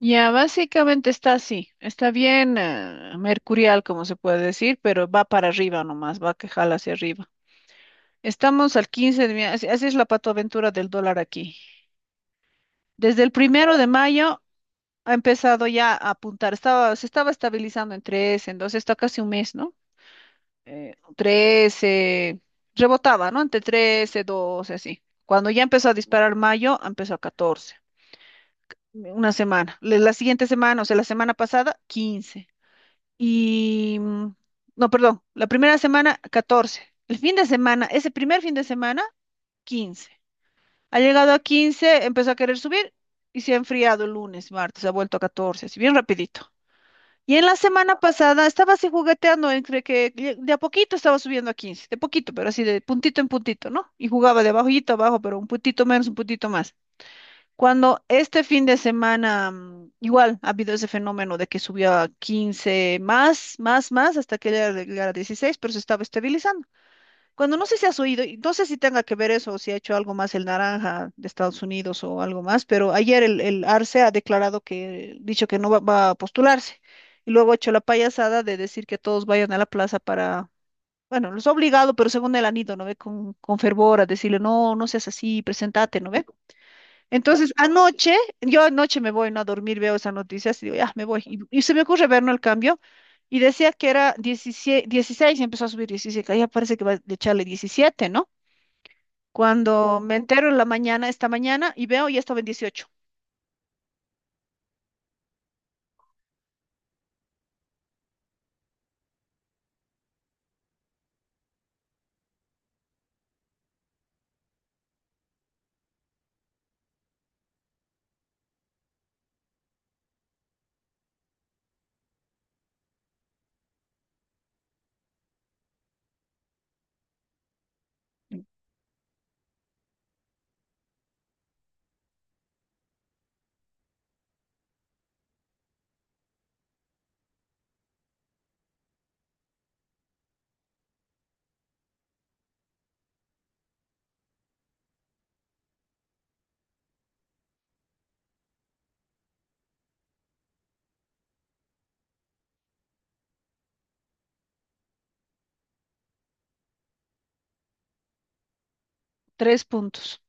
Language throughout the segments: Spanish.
Ya, básicamente está así, está bien mercurial, como se puede decir, pero va para arriba nomás, va que jala hacia arriba. Estamos al 15 de mayo, así, así es la patoaventura del dólar aquí. Desde el 1 de mayo ha empezado ya a apuntar, se estaba estabilizando en 13, entonces está casi un mes, ¿no? 13, rebotaba, ¿no? Entre 13, 12, así. Cuando ya empezó a disparar mayo, empezó a 14 una semana. La siguiente semana, o sea, la semana pasada, 15. Y, mm, no, perdón, la primera semana 14, el fin de semana, ese primer fin de semana 15. Ha llegado a 15, empezó a querer subir y se ha enfriado el lunes, martes, ha vuelto a 14 así bien rapidito. Y en la semana pasada estaba así jugueteando entre que de a poquito estaba subiendo a 15 de poquito, pero así de puntito en puntito, ¿no? Y jugaba de abajito a abajo, pero un puntito menos, un puntito más. Cuando este fin de semana, igual ha habido ese fenómeno de que subió a 15, más, más, más, hasta que llegara a 16, pero se estaba estabilizando. Cuando, no sé si has oído, y no sé si tenga que ver eso o si ha hecho algo más el naranja de Estados Unidos o algo más, pero ayer el ARCE ha declarado que, dicho que no va a postularse. Y luego ha hecho la payasada de decir que todos vayan a la plaza para, bueno, los ha obligado, pero según él han ido, ¿no ve? Con fervor a decirle, no, no seas así, presentate, ¿no ve? Entonces, anoche, yo anoche me voy, ¿no? A dormir, veo esas noticias y digo, ya, me voy. Y se me ocurre ver no el cambio y decía que era 17, 16 y empezó a subir 17, ya parece que va a echarle 17, ¿no? Cuando me entero en la mañana, esta mañana, y veo, ya estaba en 18, tres puntos.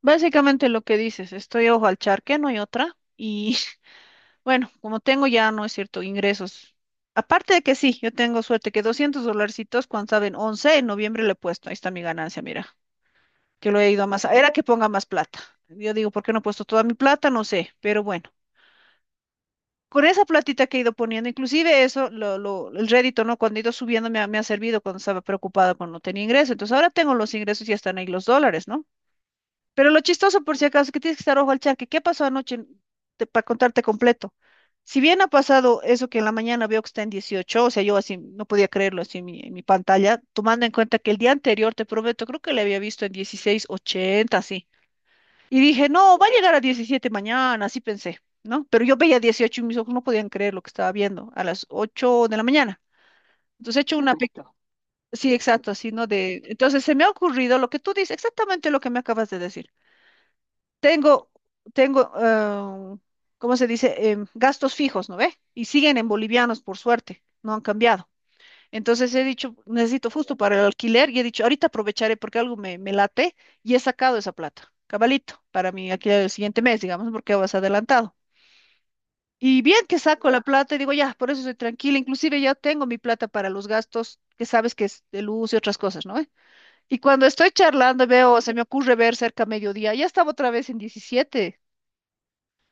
Básicamente lo que dices, estoy ojo al charque, no hay otra. Y bueno, como tengo ya, no es cierto, ingresos. Aparte de que sí, yo tengo suerte que 200 dolarcitos, cuando saben, 11 en noviembre le he puesto, ahí está mi ganancia, mira. Que lo he ido a más. Era que ponga más plata. Yo digo, ¿por qué no he puesto toda mi plata? No sé, pero bueno. Con esa platita que he ido poniendo, inclusive eso, el rédito, ¿no? Cuando he ido subiendo me ha servido cuando estaba preocupada cuando no tenía ingreso. Entonces ahora tengo los ingresos y ya están ahí los dólares, ¿no? Pero lo chistoso, por si acaso, es que tienes que estar ojo al charque. ¿Qué pasó anoche? Para contarte completo. Si bien ha pasado eso que en la mañana veo que está en 18, o sea, yo así no podía creerlo así en mi pantalla, tomando en cuenta que el día anterior, te prometo, creo que le había visto en 16.80, así. Y dije, no, va a llegar a 17 mañana, así pensé, ¿no? Pero yo veía 18 y mis ojos no podían creer lo que estaba viendo a las 8 de la mañana. Entonces he hecho una. Exacto. Sí, exacto, así, ¿no? Entonces se me ha ocurrido lo que tú dices, exactamente lo que me acabas de decir. Tengo, tengo, ¿cómo se dice? Gastos fijos, ¿no ve? Y siguen en bolivianos, por suerte, no han cambiado. Entonces he dicho, necesito justo para el alquiler, y he dicho, ahorita aprovecharé porque algo me late, y he sacado esa plata, cabalito, para mi alquiler del siguiente mes, digamos, porque vas adelantado. Y bien que saco la plata y digo, ya, por eso estoy tranquila, inclusive ya tengo mi plata para los gastos, que sabes que es de luz y otras cosas, ¿no? Y cuando estoy charlando, veo, se me ocurre ver cerca mediodía, ya estaba otra vez en 17.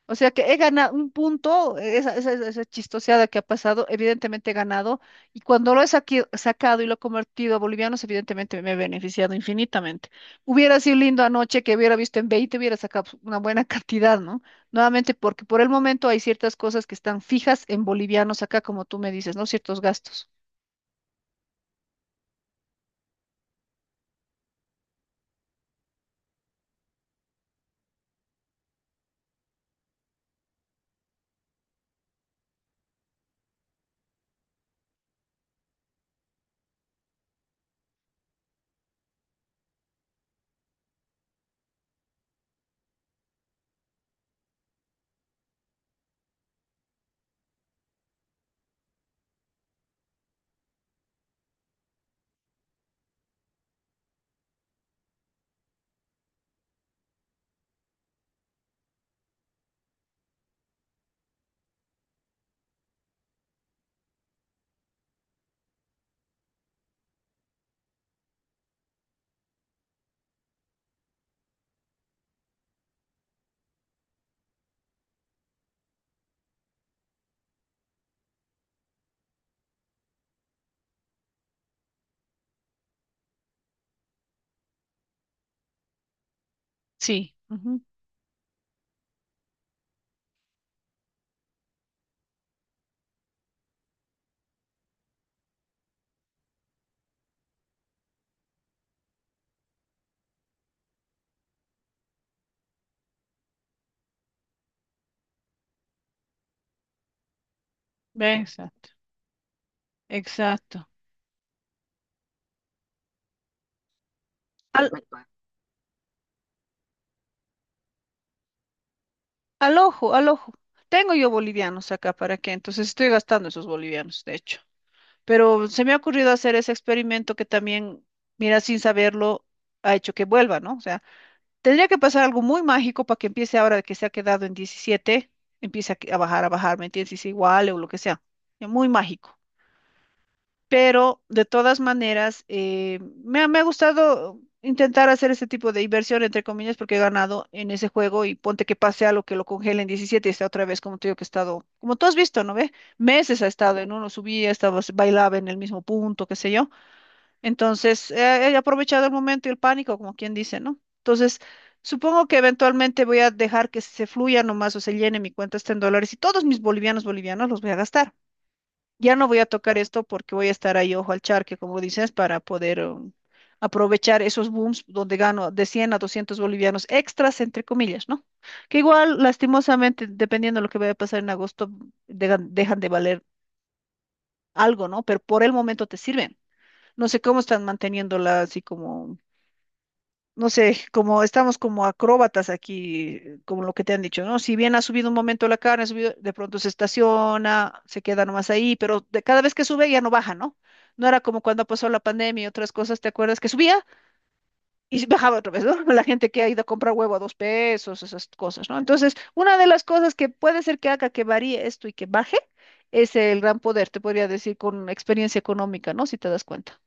O sea que he ganado un punto, esa chistoseada que ha pasado, evidentemente he ganado, y cuando lo he sacado y lo he convertido a bolivianos, evidentemente me he beneficiado infinitamente. Hubiera sido lindo anoche, que hubiera visto en 20 hubiera sacado pues, una buena cantidad, ¿no? Nuevamente, porque por el momento hay ciertas cosas que están fijas en bolivianos acá, como tú me dices, ¿no? Ciertos gastos. Sí. Ujú. Ve, exacto, exacto. Al, al ojo, al ojo. Tengo yo bolivianos acá, ¿para qué? Entonces estoy gastando esos bolivianos, de hecho. Pero se me ha ocurrido hacer ese experimento que también, mira, sin saberlo, ha hecho que vuelva, ¿no? O sea, tendría que pasar algo muy mágico para que empiece ahora que se ha quedado en 17, empiece a bajar, ¿me entiendes? Y sea igual o lo que sea. Ya. Muy mágico, pero de todas maneras, me ha gustado intentar hacer ese tipo de inversión, entre comillas, porque he ganado en ese juego, y ponte que pase algo que lo congele en 17 y está otra vez, como te digo, que he estado, como tú has visto, ¿no ve? Meses ha estado en uno, subía, estaba, bailaba en el mismo punto, qué sé yo. Entonces, he aprovechado el momento y el pánico, como quien dice, ¿no? Entonces, supongo que eventualmente voy a dejar que se fluya nomás o se llene mi cuenta está en dólares, y todos mis bolivianos los voy a gastar. Ya no voy a tocar esto porque voy a estar ahí ojo al charque, como dices, para poder aprovechar esos booms donde gano de 100 a 200 bolivianos extras, entre comillas, ¿no? Que igual, lastimosamente, dependiendo de lo que vaya a pasar en agosto, dejan de valer algo, ¿no? Pero por el momento te sirven. No sé cómo están manteniéndola así, como no sé, como estamos como acróbatas aquí, como lo que te han dicho, ¿no? Si bien ha subido un momento la carne, ha subido, de pronto se estaciona, se queda nomás ahí, pero cada vez que sube ya no baja, ¿no? No era como cuando pasó la pandemia y otras cosas, ¿te acuerdas? Que subía y bajaba otra vez, ¿no? La gente que ha ido a comprar huevo a 2 pesos, esas cosas, ¿no? Entonces, una de las cosas que puede ser que haga que varíe esto y que baje es el gran poder, te podría decir, con experiencia económica, ¿no? Si te das cuenta.